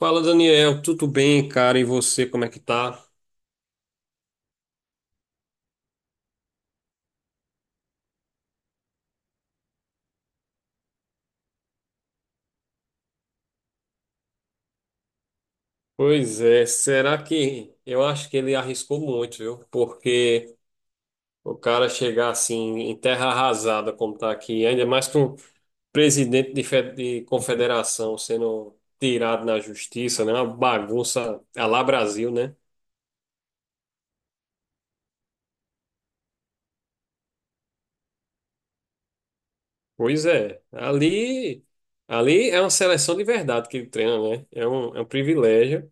Fala, Daniel, tudo bem, cara? E você, como é que tá? Pois é, será que eu acho que ele arriscou muito, viu? Porque o cara chegar assim em terra arrasada, como tá aqui, ainda mais com o presidente de, de confederação sendo tirado na justiça, né? Uma bagunça à lá Brasil, né? Pois é, ali é uma seleção de verdade que ele treina, né? É um privilégio.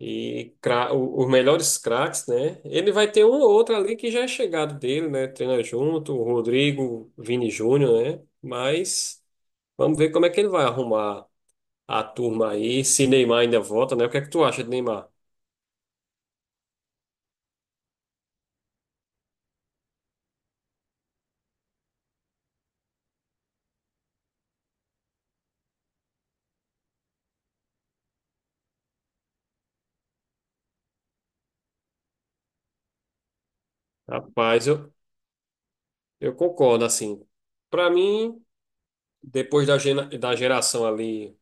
E os melhores craques, né? Ele vai ter um ou outro ali que já é chegado dele, né? Treina junto, o Rodrigo, Vini Júnior, né? Mas vamos ver como é que ele vai arrumar a turma aí, se Neymar ainda volta, né? O que é que tu acha de Neymar? Rapaz, eu concordo, assim. Para mim, depois da, da geração ali,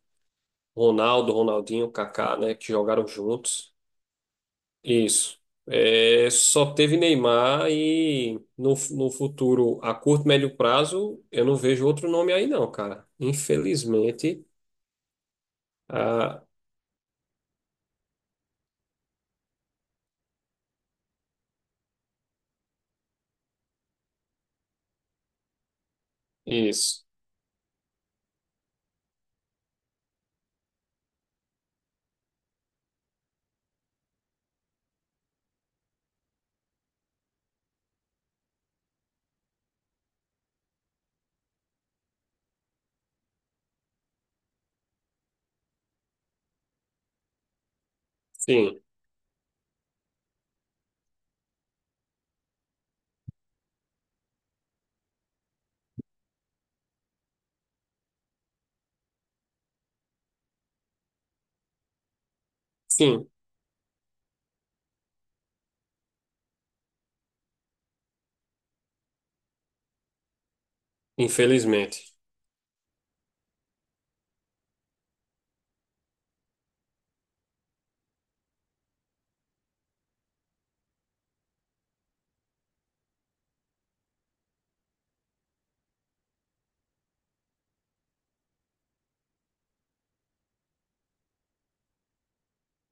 Ronaldo, Ronaldinho, Kaká, né? Que jogaram juntos. Isso. É, só teve Neymar e no futuro, a curto, médio prazo, eu não vejo outro nome aí não, cara. Infelizmente. Ah, isso. Sim, sim, infelizmente.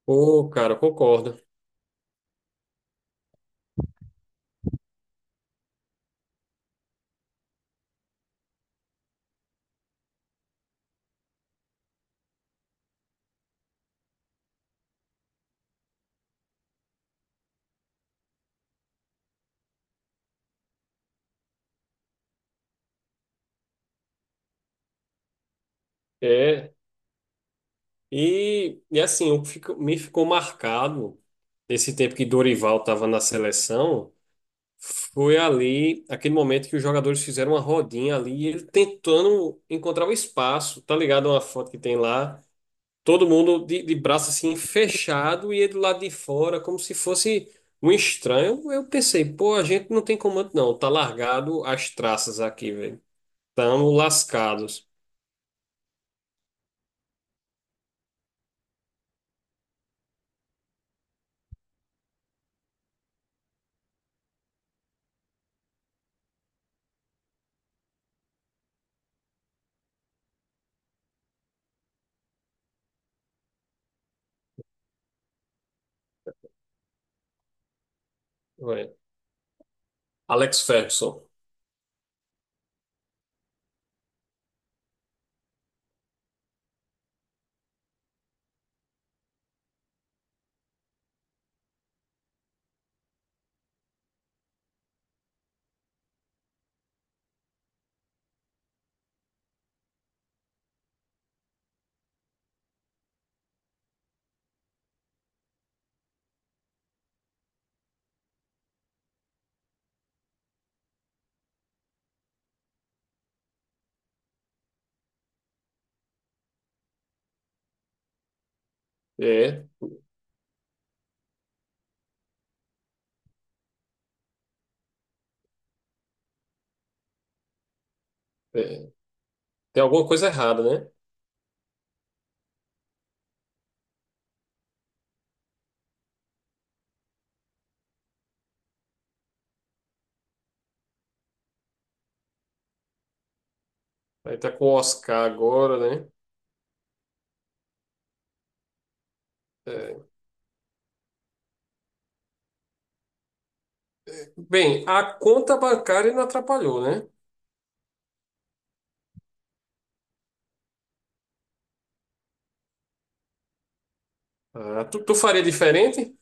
Ô, cara, eu concordo. É, e assim, o que me ficou marcado esse tempo que Dorival estava na seleção. Foi ali, aquele momento que os jogadores fizeram uma rodinha ali, e ele tentando encontrar o espaço, tá ligado? Uma foto que tem lá, todo mundo de braço assim fechado e ele do lado de fora, como se fosse um estranho. Eu pensei, pô, a gente não tem comando não, tá largado as traças aqui, velho. Estamos lascados. Ué, Alex Ferguson. É, é, tem alguma coisa errada, né? Aí tá com o Oscar agora, né? É. Bem, a conta bancária não atrapalhou, né? Ah, tu faria diferente?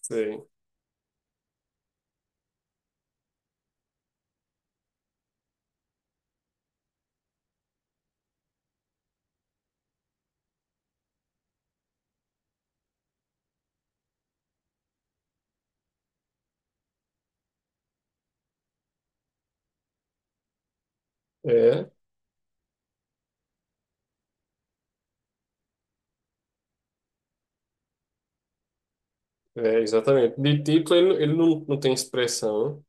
Sei. É, exatamente. De título, ele não, não tem expressão, né?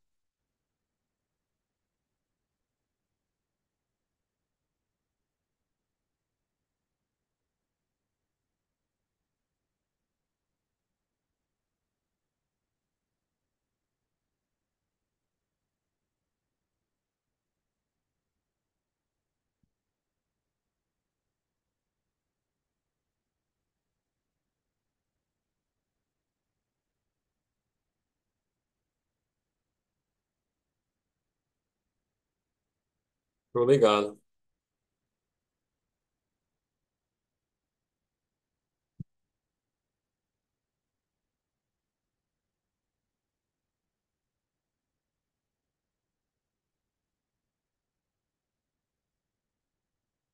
Tô ligado.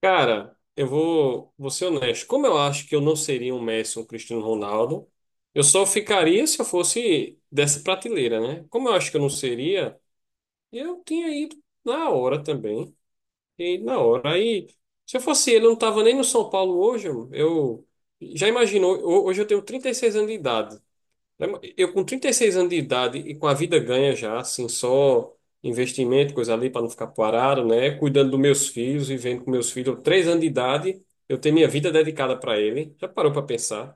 Cara, vou ser honesto. Como eu acho que eu não seria um Messi, ou um Cristiano Ronaldo, eu só ficaria se eu fosse dessa prateleira, né? Como eu acho que eu não seria, eu tinha ido na hora também. E na hora. Aí, se eu fosse ele, eu não tava nem no São Paulo hoje. Eu já imaginou, hoje eu tenho 36 anos de idade. Né? Eu com 36 anos de idade e com a vida ganha já, assim, só investimento, coisa ali para não ficar parado, né? Cuidando dos meus filhos, vivendo com meus filhos. 3 anos de idade, eu tenho minha vida dedicada para ele. Já parou para pensar?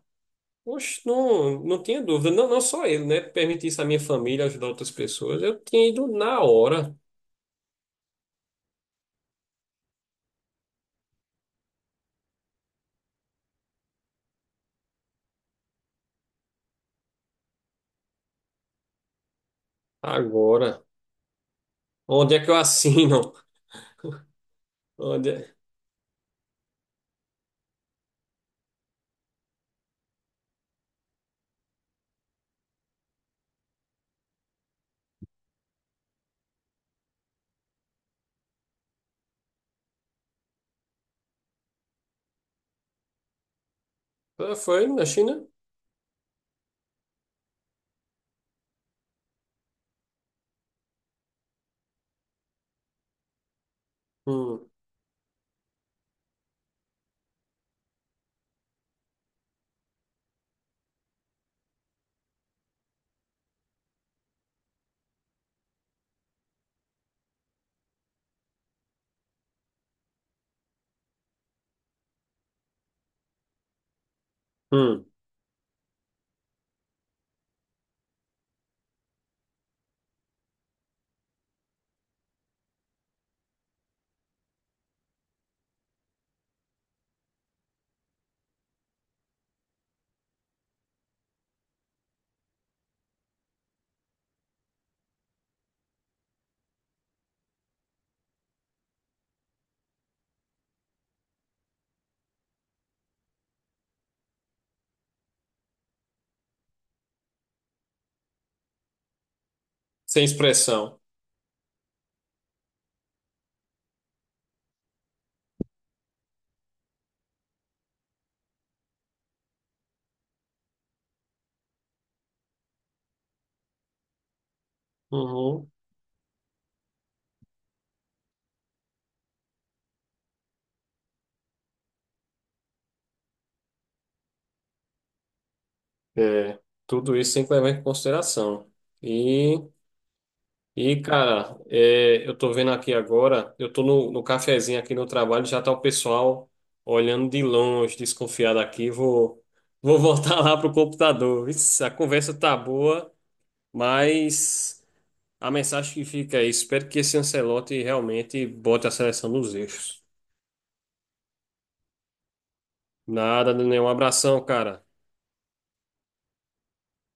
Oxe, não, não tinha dúvida. Não, não só ele, né? Permitir isso à minha família, ajudar outras pessoas. Eu tinha ido na hora, agora. Onde é que eu assino? Onde é? Ah, foi na China? Hum, hum. Sem expressão. Uhum. É, tudo isso tem que levar em consideração. E, e eu tô vendo aqui agora, eu tô no cafezinho aqui no trabalho, já tá o pessoal olhando de longe, desconfiado aqui. Vou voltar lá pro computador. Isso, a conversa tá boa, mas a mensagem que fica aí, espero que esse Ancelotti realmente bote a seleção nos eixos. Nada, nenhum abração, cara.